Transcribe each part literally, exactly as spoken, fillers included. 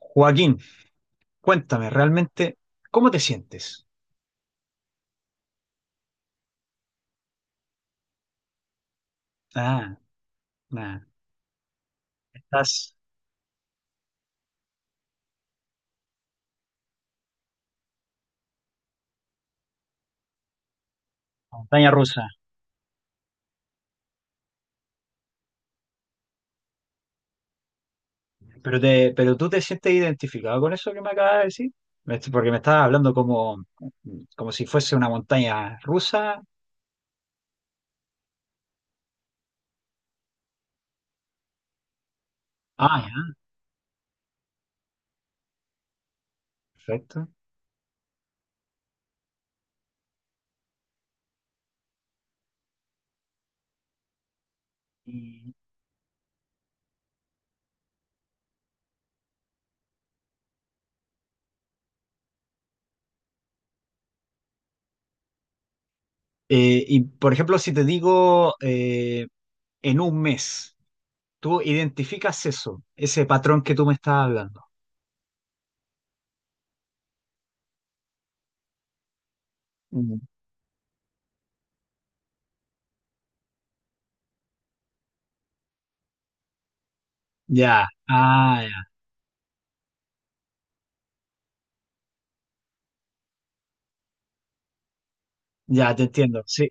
Joaquín, cuéntame realmente, ¿cómo te sientes? Ah, nada, estás montaña rusa. Pero te, pero tú te sientes identificado con eso que me acabas de decir. Me est- porque me estabas hablando como, como si fuese una montaña rusa. Ah, ya, perfecto. Y, eh, y, por ejemplo, si te digo eh, en un mes, tú identificas eso, ese patrón que tú me estabas hablando. Mm. Ya, ah, ya, ya te entiendo. Sí.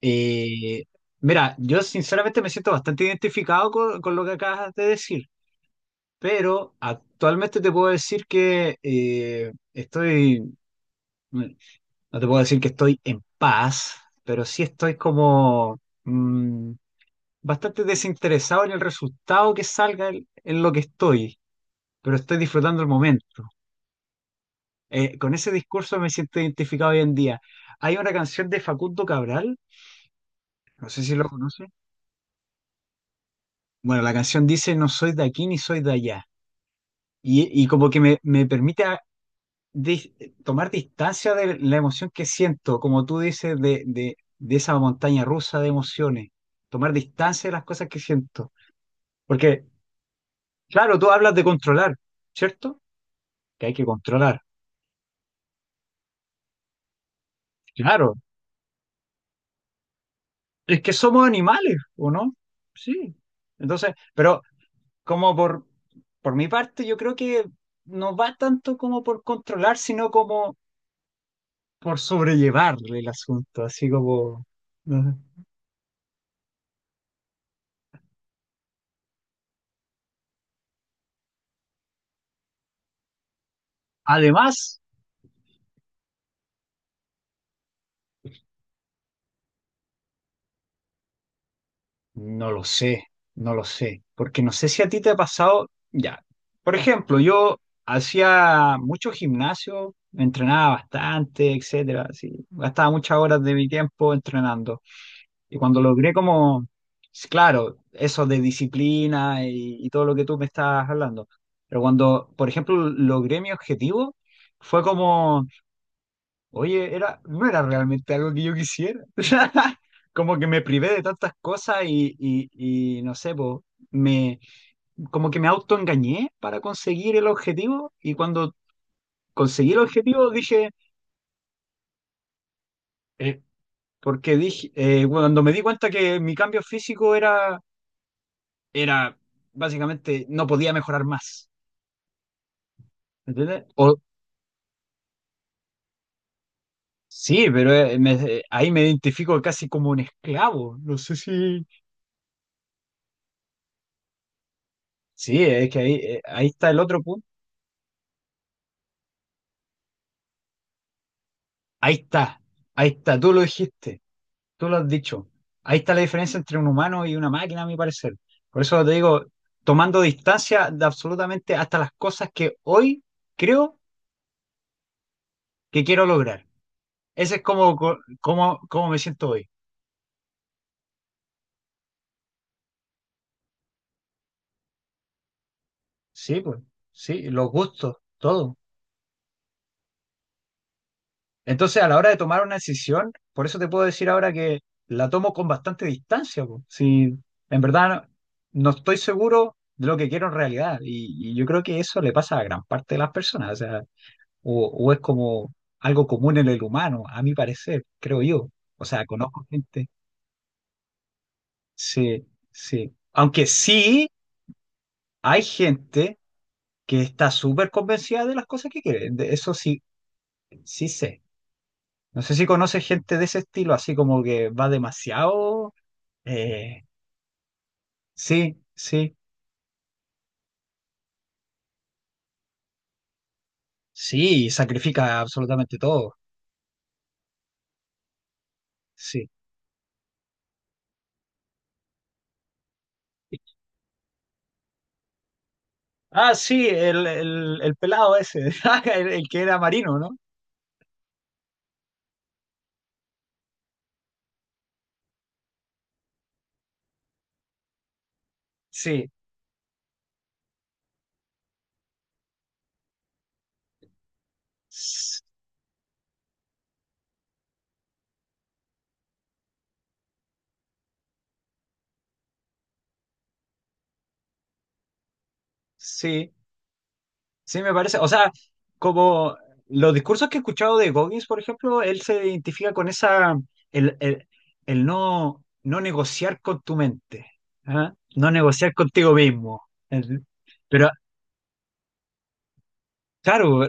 Eh, Mira, yo sinceramente me siento bastante identificado con, con lo que acabas de decir, pero actualmente te puedo decir que eh, estoy, mm, no te puedo decir que estoy en paz, pero sí estoy como mm, bastante desinteresado en el resultado que salga en, en lo que estoy, pero estoy disfrutando el momento. Eh, con ese discurso me siento identificado hoy en día. Hay una canción de Facundo Cabral, no sé si lo conoces. Bueno, la canción dice, no soy de aquí ni soy de allá. Y, y como que me, me permite a- dis- tomar distancia de la emoción que siento, como tú dices, de, de, de esa montaña rusa de emociones, tomar distancia de las cosas que siento. Porque, claro, tú hablas de controlar, ¿cierto? Que hay que controlar. Claro, es que somos animales, ¿o no? Sí. Entonces, pero como por, por mi parte, yo creo que no va tanto como por controlar, sino como por sobrellevar el asunto, así como... ¿no? Además, no lo sé, no lo sé, porque no sé si a ti te ha pasado, ya. Por ejemplo, yo hacía mucho gimnasio, entrenaba bastante, etcétera, sí, gastaba muchas horas de mi tiempo entrenando. Y cuando logré como, claro, eso de disciplina y, y todo lo que tú me estás hablando, pero cuando, por ejemplo, logré mi objetivo, fue como: oye, era, no era realmente algo que yo quisiera. Como que me privé de tantas cosas y, y, y no sé, po, me, como que me autoengañé para conseguir el objetivo y cuando conseguí el objetivo dije, eh, porque dije, eh, cuando me di cuenta que mi cambio físico era, era básicamente no podía mejorar más. ¿Entiendes? O, sí, pero eh, me- eh, ahí me identifico casi como un esclavo. No sé si... Sí, es que ahí, eh, ahí está el otro punto. Ahí está, ahí está, tú lo dijiste, tú lo has dicho. Ahí está la diferencia entre un humano y una máquina, a mi parecer. Por eso te digo, tomando distancia de absolutamente hasta las cosas que hoy creo que quiero lograr. Ese es como, co- como, como me siento hoy. Sí, pues, sí, los gustos, todo. Entonces, a la hora de tomar una decisión, por eso te puedo decir ahora que la tomo con bastante distancia, po. Si en verdad no, no estoy seguro de lo que quiero en realidad. Y, y yo creo que eso le pasa a gran parte de las personas. O sea, o, o es como algo común en el humano, a mi parecer, creo yo. O sea, conozco gente. Sí, sí. Aunque sí hay gente que está súper convencida de las cosas que quiere. De eso sí, sí sé. No sé si conoces gente de ese estilo, así como que va demasiado. Eh, sí, sí, sí, y sacrifica absolutamente todo. Sí. Ah, sí, el, el, el pelado ese, ah, el, el que era marino, ¿no? Sí, s- sí, sí, me parece. O sea, como los discursos que he escuchado de Goggins, por ejemplo, él se identifica con esa, el, el, el no, no negociar con tu mente, ¿ah? No negociar contigo mismo. El- Pero, claro,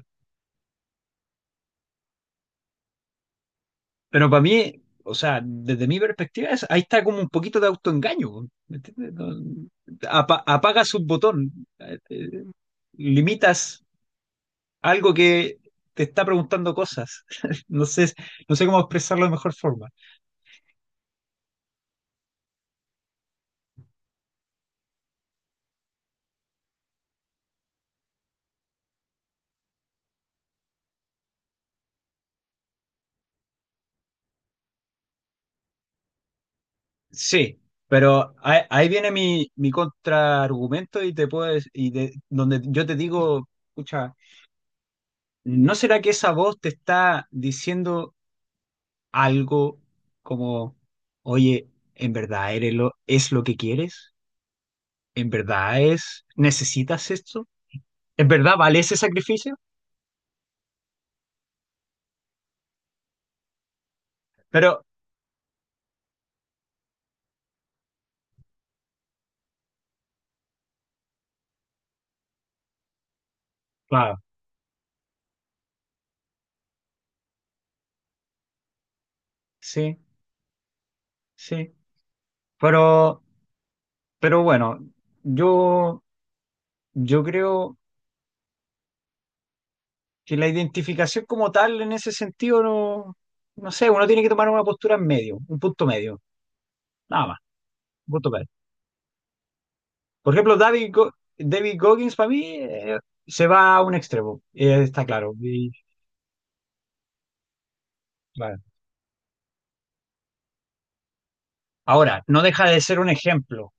pero para mí, o sea, desde mi perspectiva, es- ahí está como un poquito de autoengaño, po. ¿Me entiendes? No- apa- apagas un botón, eh, eh, limitas algo que te está preguntando cosas. No sé, no sé cómo expresarlo de mejor forma. Sí, pero ahí, ahí viene mi, mi contraargumento y te puedo dec- y de, donde yo te digo, escucha, ¿no será que esa voz te está diciendo algo como, oye, ¿en verdad eres lo, es lo que quieres? ¿En verdad es, necesitas esto? ¿En verdad vale ese sacrificio? Pero, claro, sí, sí. Pero, pero bueno, yo, yo creo que la identificación como tal en ese sentido no, no sé, uno tiene que tomar una postura en medio, un punto medio, nada más, un punto medio. Por ejemplo, David, Go- David Goggins para mí eh, se va a un extremo, eh, está claro. Y- claro. Ahora, no deja de ser un ejemplo,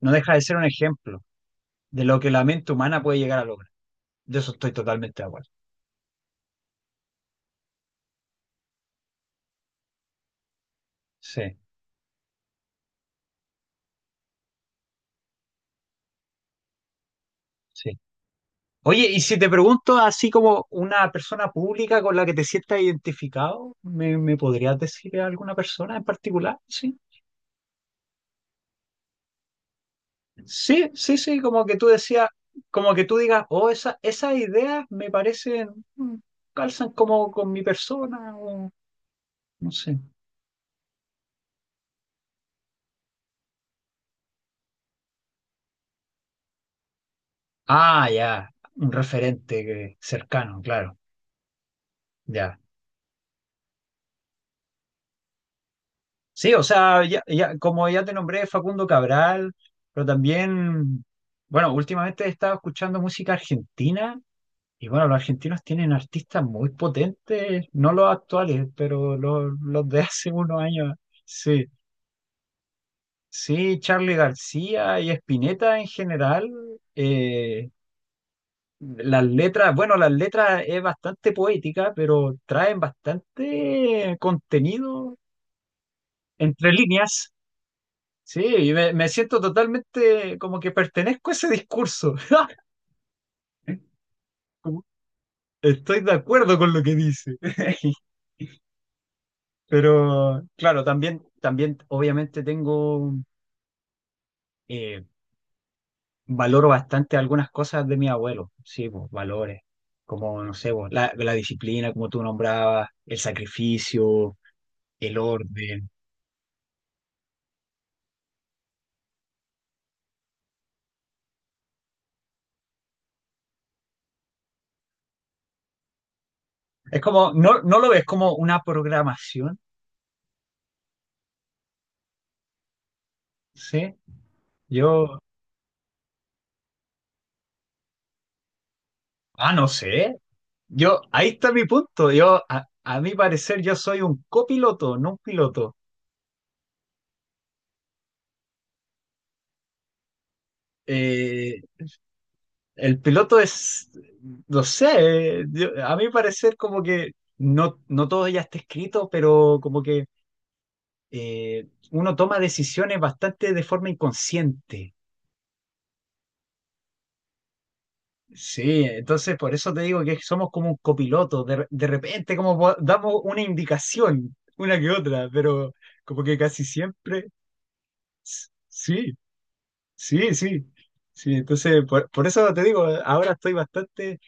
no deja de ser un ejemplo de lo que la mente humana puede llegar a lograr. De eso estoy totalmente de acuerdo. Sí, sí. Oye, y si te pregunto así como una persona pública con la que te sientas identificado, ¿me, me podrías decir a alguna persona en particular? Sí, sí, sí, sí, como que tú decías, como que tú digas, oh, esa, esas ideas me parecen, mm, calzan como con mi persona, o no sé. Ah, ya, un referente que- cercano, claro, ya. Sí, o sea, ya, ya- como ya te nombré, Facundo Cabral, pero también, bueno, últimamente he estado escuchando música argentina y bueno, los argentinos tienen artistas muy potentes, no los actuales, pero los, los de hace unos años. Sí, sí, Charly García y Spinetta en general. eh, las letras, bueno, las letras es bastante poética, pero traen bastante contenido entre líneas. Sí, y me, me siento totalmente como que pertenezco a ese discurso. Como, estoy de acuerdo con lo que dice. Pero claro, también, también obviamente tengo, eh, valoro bastante algunas cosas de mi abuelo. Sí, pues, valores, como, no sé, pues, la, la disciplina, como tú nombrabas, el sacrificio, el orden. Es como, no, no lo ves como una programación, ¿sí? Yo, ah, no sé. Yo, ahí está mi punto. Yo, a, a mi parecer, yo soy un copiloto, no un piloto. Eh, el piloto es, no sé, eh, yo- a mi parecer como que no, no todo ya está escrito, pero como que eh, uno toma decisiones bastante de forma inconsciente. Sí, entonces por eso te digo que somos como un copiloto. De, de repente como po- damos una indicación, una que otra, pero como que casi siempre, s- sí. Sí, sí, sí, entonces por, por eso te digo, ahora estoy bastante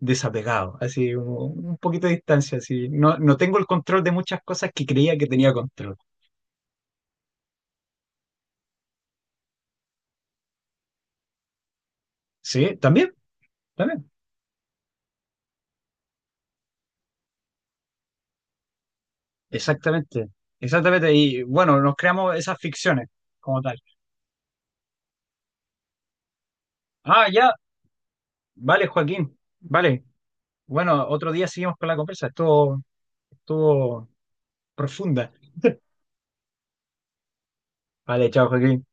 desapegado, así un, un poquito de distancia, así, no, no tengo el control de muchas cosas que creía que tenía control. Sí, también, también, exactamente, exactamente, y bueno, nos creamos esas ficciones como tal. Ah, ya, vale, Joaquín, vale, bueno, otro día seguimos con la conversa, estuvo, estuvo profunda. Vale, chao, Joaquín.